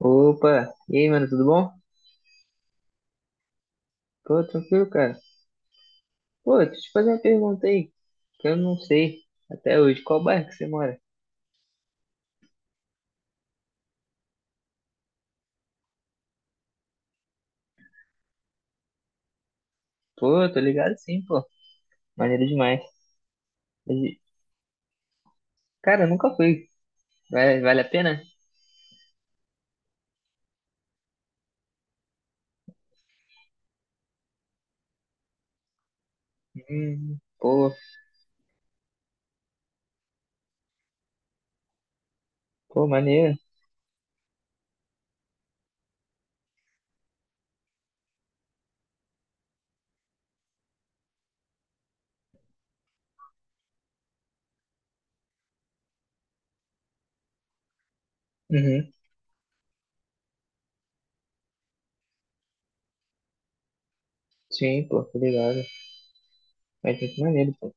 Opa, e aí, mano, tudo bom? Tô tranquilo, cara. Pô, deixa eu te fazer uma pergunta aí, que eu não sei até hoje qual bairro que você mora. Pô, tô ligado, sim, pô. Maneiro demais. Mas, Cara, eu nunca fui. Vale a pena? Hum, pô, pô, maneiro. Uhum. Sim, pô, tô ligado. Mas muito maneiro, pô.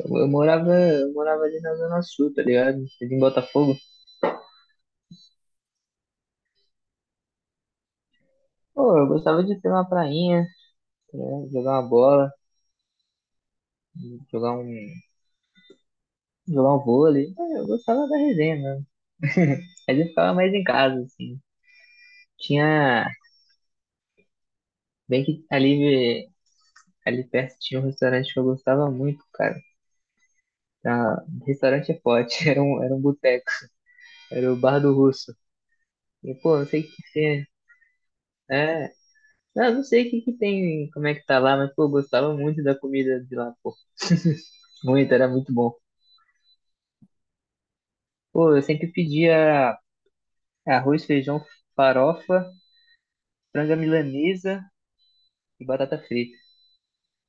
Eu morava ali na Zona Sul, tá ligado? Ali em Botafogo. Pô, eu gostava de ter uma prainha, né? Jogar uma bola, jogar um, jogar um vôlei. Ah, eu gostava da resenha, né? Mas eu ficava mais em casa, assim. Tinha. Bem que ali perto tinha um restaurante que eu gostava muito, cara. Ah, restaurante é forte, era um boteco, era o Bar do Russo. E, pô, não sei o que que tem. É. Não sei o que que tem, como é que tá lá, mas, pô, eu gostava muito da comida de lá, pô. Muito, era muito bom. Pô, eu sempre pedia arroz, feijão, farofa, franga milanesa e batata frita.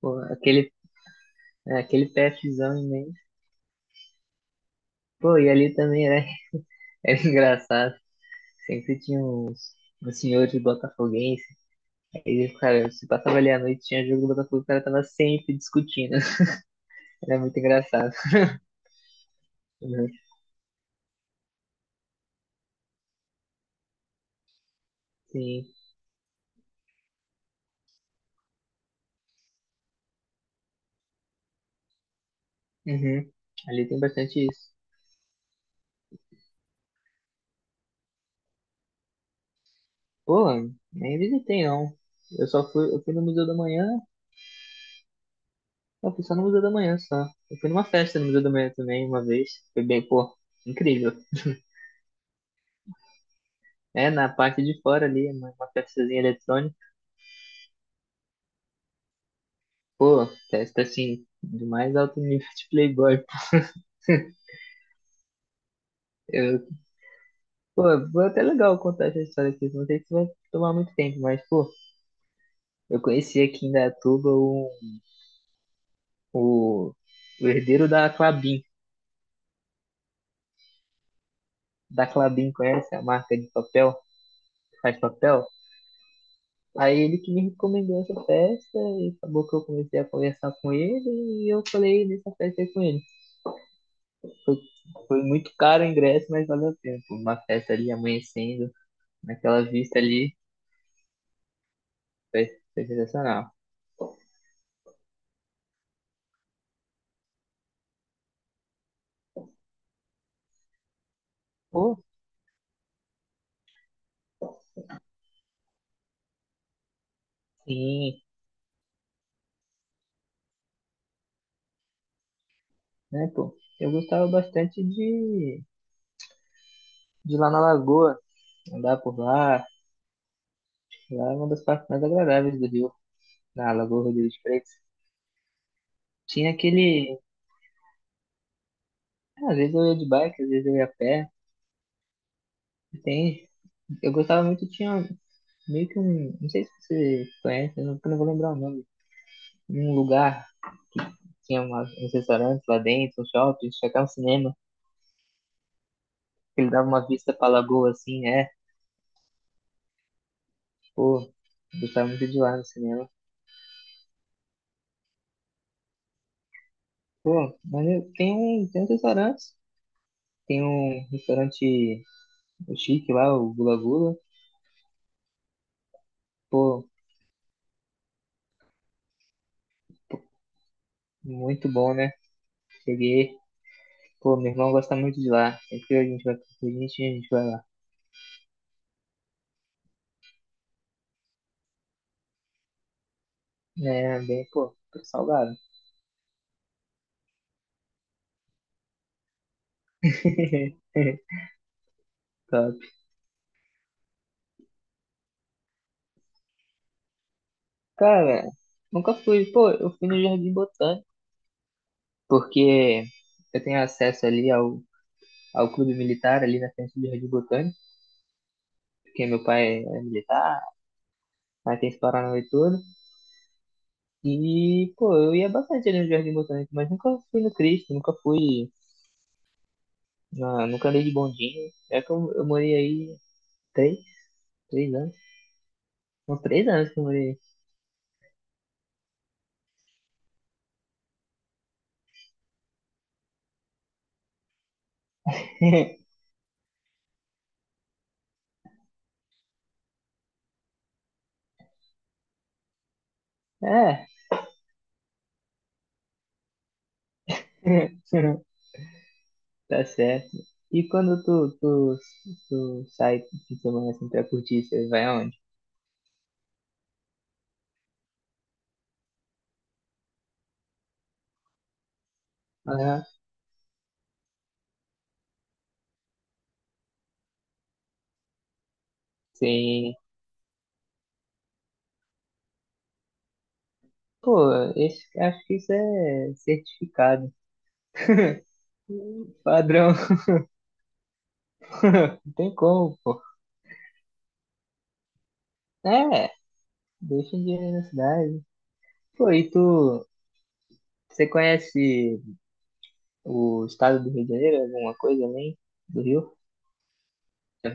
Pô, aquele PFzão imenso. Pô, e ali também era, era engraçado. Sempre tinha uns senhores botafoguenses. Aí, cara, se passava ali à noite, tinha jogo do Botafogo, o cara tava sempre discutindo. Era muito engraçado. Uhum. Sim. Uhum. Ali tem bastante isso. Pô, nem visitei, não. Eu fui no Museu da Manhã, eu fui só no Museu da Manhã só. Eu fui numa festa no Museu da Manhã também, uma vez. Foi bem, pô, incrível. É, na parte de fora ali, uma festazinha eletrônica. Pô, festa assim, do mais alto nível de Playboy. Eu Pô, foi até legal contar essa história aqui. Não sei se vai tomar muito tempo, mas, pô, eu conheci aqui em Datuba o, o herdeiro da Clabin. Da Clabin, conhece a marca de papel? Faz papel? Aí ele que me recomendou essa festa e acabou que eu comecei a conversar com ele e eu falei nessa festa aí com ele. Foi muito caro o ingresso, mas valeu o tempo. Uma festa ali amanhecendo, naquela vista ali, foi, foi sensacional. Pô, sim, né, pô? Eu gostava bastante de lá na Lagoa, andar por lá. Lá é uma das partes mais agradáveis do Rio, na Lagoa Rodrigo de Freitas. Tinha aquele. Às vezes eu ia de bike, às vezes eu ia a pé. E Tem. Eu gostava muito, tinha meio que um. Não sei se você conhece, eu não vou lembrar o nome. Um lugar, tinha um restaurante lá dentro, um shopping, tinha até um cinema, que ele dava uma vista pra Lagoa assim, é. Pô, eu gostava muito de lá no cinema. Pô, mas tem uns restaurantes. Tem um restaurante chique lá, o Gula Gula. Pô, muito bom, né? Cheguei. Pô, meu irmão gosta muito de lá. Sempre que a gente vai com a gente vai lá. É, bem, pô, tô salgado. Top. Cara, nunca fui. Pô, eu fui no Jardim Botânico, porque eu tenho acesso ali ao clube militar, ali na frente do Jardim Botânico, porque meu pai é militar, aí tem esse Paranauê todo. E, pô, eu ia bastante ali no Jardim Botânico, mas nunca fui no Cristo, nunca fui. Nunca andei de bondinho. É que eu morei aí três, 3 anos? São 3 anos que eu morei aí. É, tá certo. E quando tu sai de semana assim pra curtir, você vai aonde? Aham. Sim. Pô, esse, acho que isso é certificado. Padrão. Não tem como, pô. É, deixa em dinheiro na cidade. Pô, e você conhece o estado do Rio de Janeiro? Alguma coisa além do Rio? Tá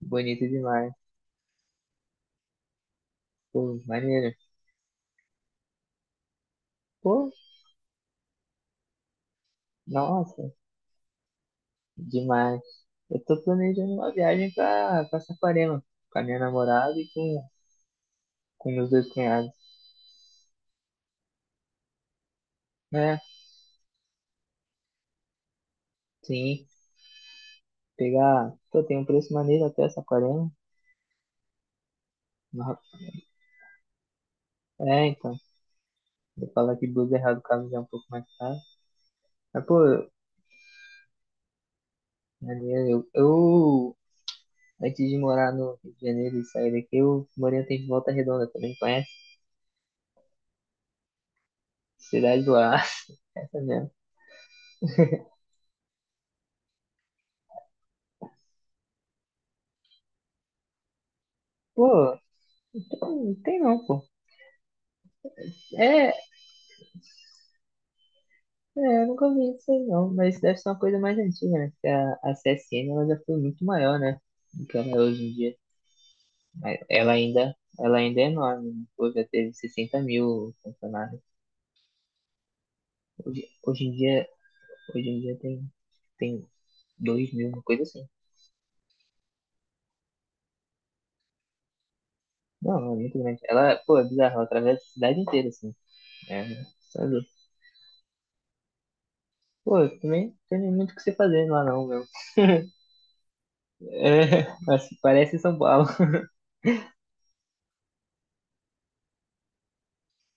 bonito demais. Pô, maneiro. Pô, nossa, demais. Eu tô planejando uma viagem pra Saquarema, com a minha namorada e com meus dois cunhados. É, sim. Pegar. Pô, tem um preço maneiro até Saquarema. No- É, então. Eu falo que blusa errado, o caso já é um pouco mais caro. Mas, pô, maneiro. Eu, antes de morar no Rio de Janeiro e sair daqui, eu morei um tempo em Volta Redonda, também conhece? Cidade do Aço. Essa mesmo. Pô, não tem não, pô. É, É, eu nunca vi isso aí não, mas deve ser uma coisa mais antiga, né? Porque a CSN ela já foi muito maior, né? Do que ela é hoje em dia. Mas ela ainda, é enorme, né? Pô, já teve 60 mil funcionários. Hoje, hoje em dia, hoje em dia tem 2 mil, uma coisa assim. Não, não, é muito grande. Ela, pô, é bizarro, ela atravessa a cidade inteira, assim. É, sabe? Pô, também não tem muito o que você fazer lá não, meu. É, mas parece São Paulo.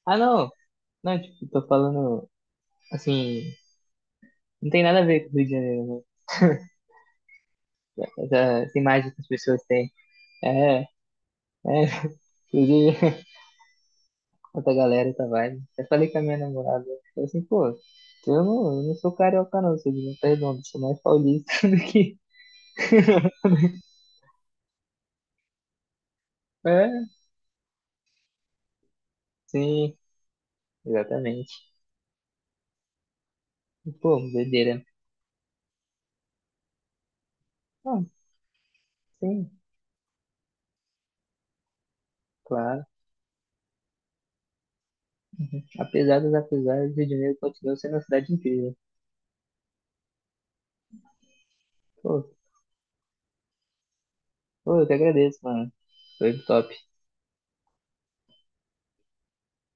Ah, não! Não, tipo, tô falando assim. Não tem nada a ver com o Rio de Janeiro, né? Essa imagem que as pessoas têm. É, é. Inclusive, outra galera, tá vai. Eu falei com a minha namorada. Eu falei assim, pô, eu não sou carioca, não, sou de Volta Redonda, sou mais paulista do que. É, sim, exatamente. Pô, doideira. Ah, sim, claro. Apesar dos apesares, o Rio de Janeiro continua sendo uma cidade incrível. Pô, pô, eu que agradeço, mano. Foi top.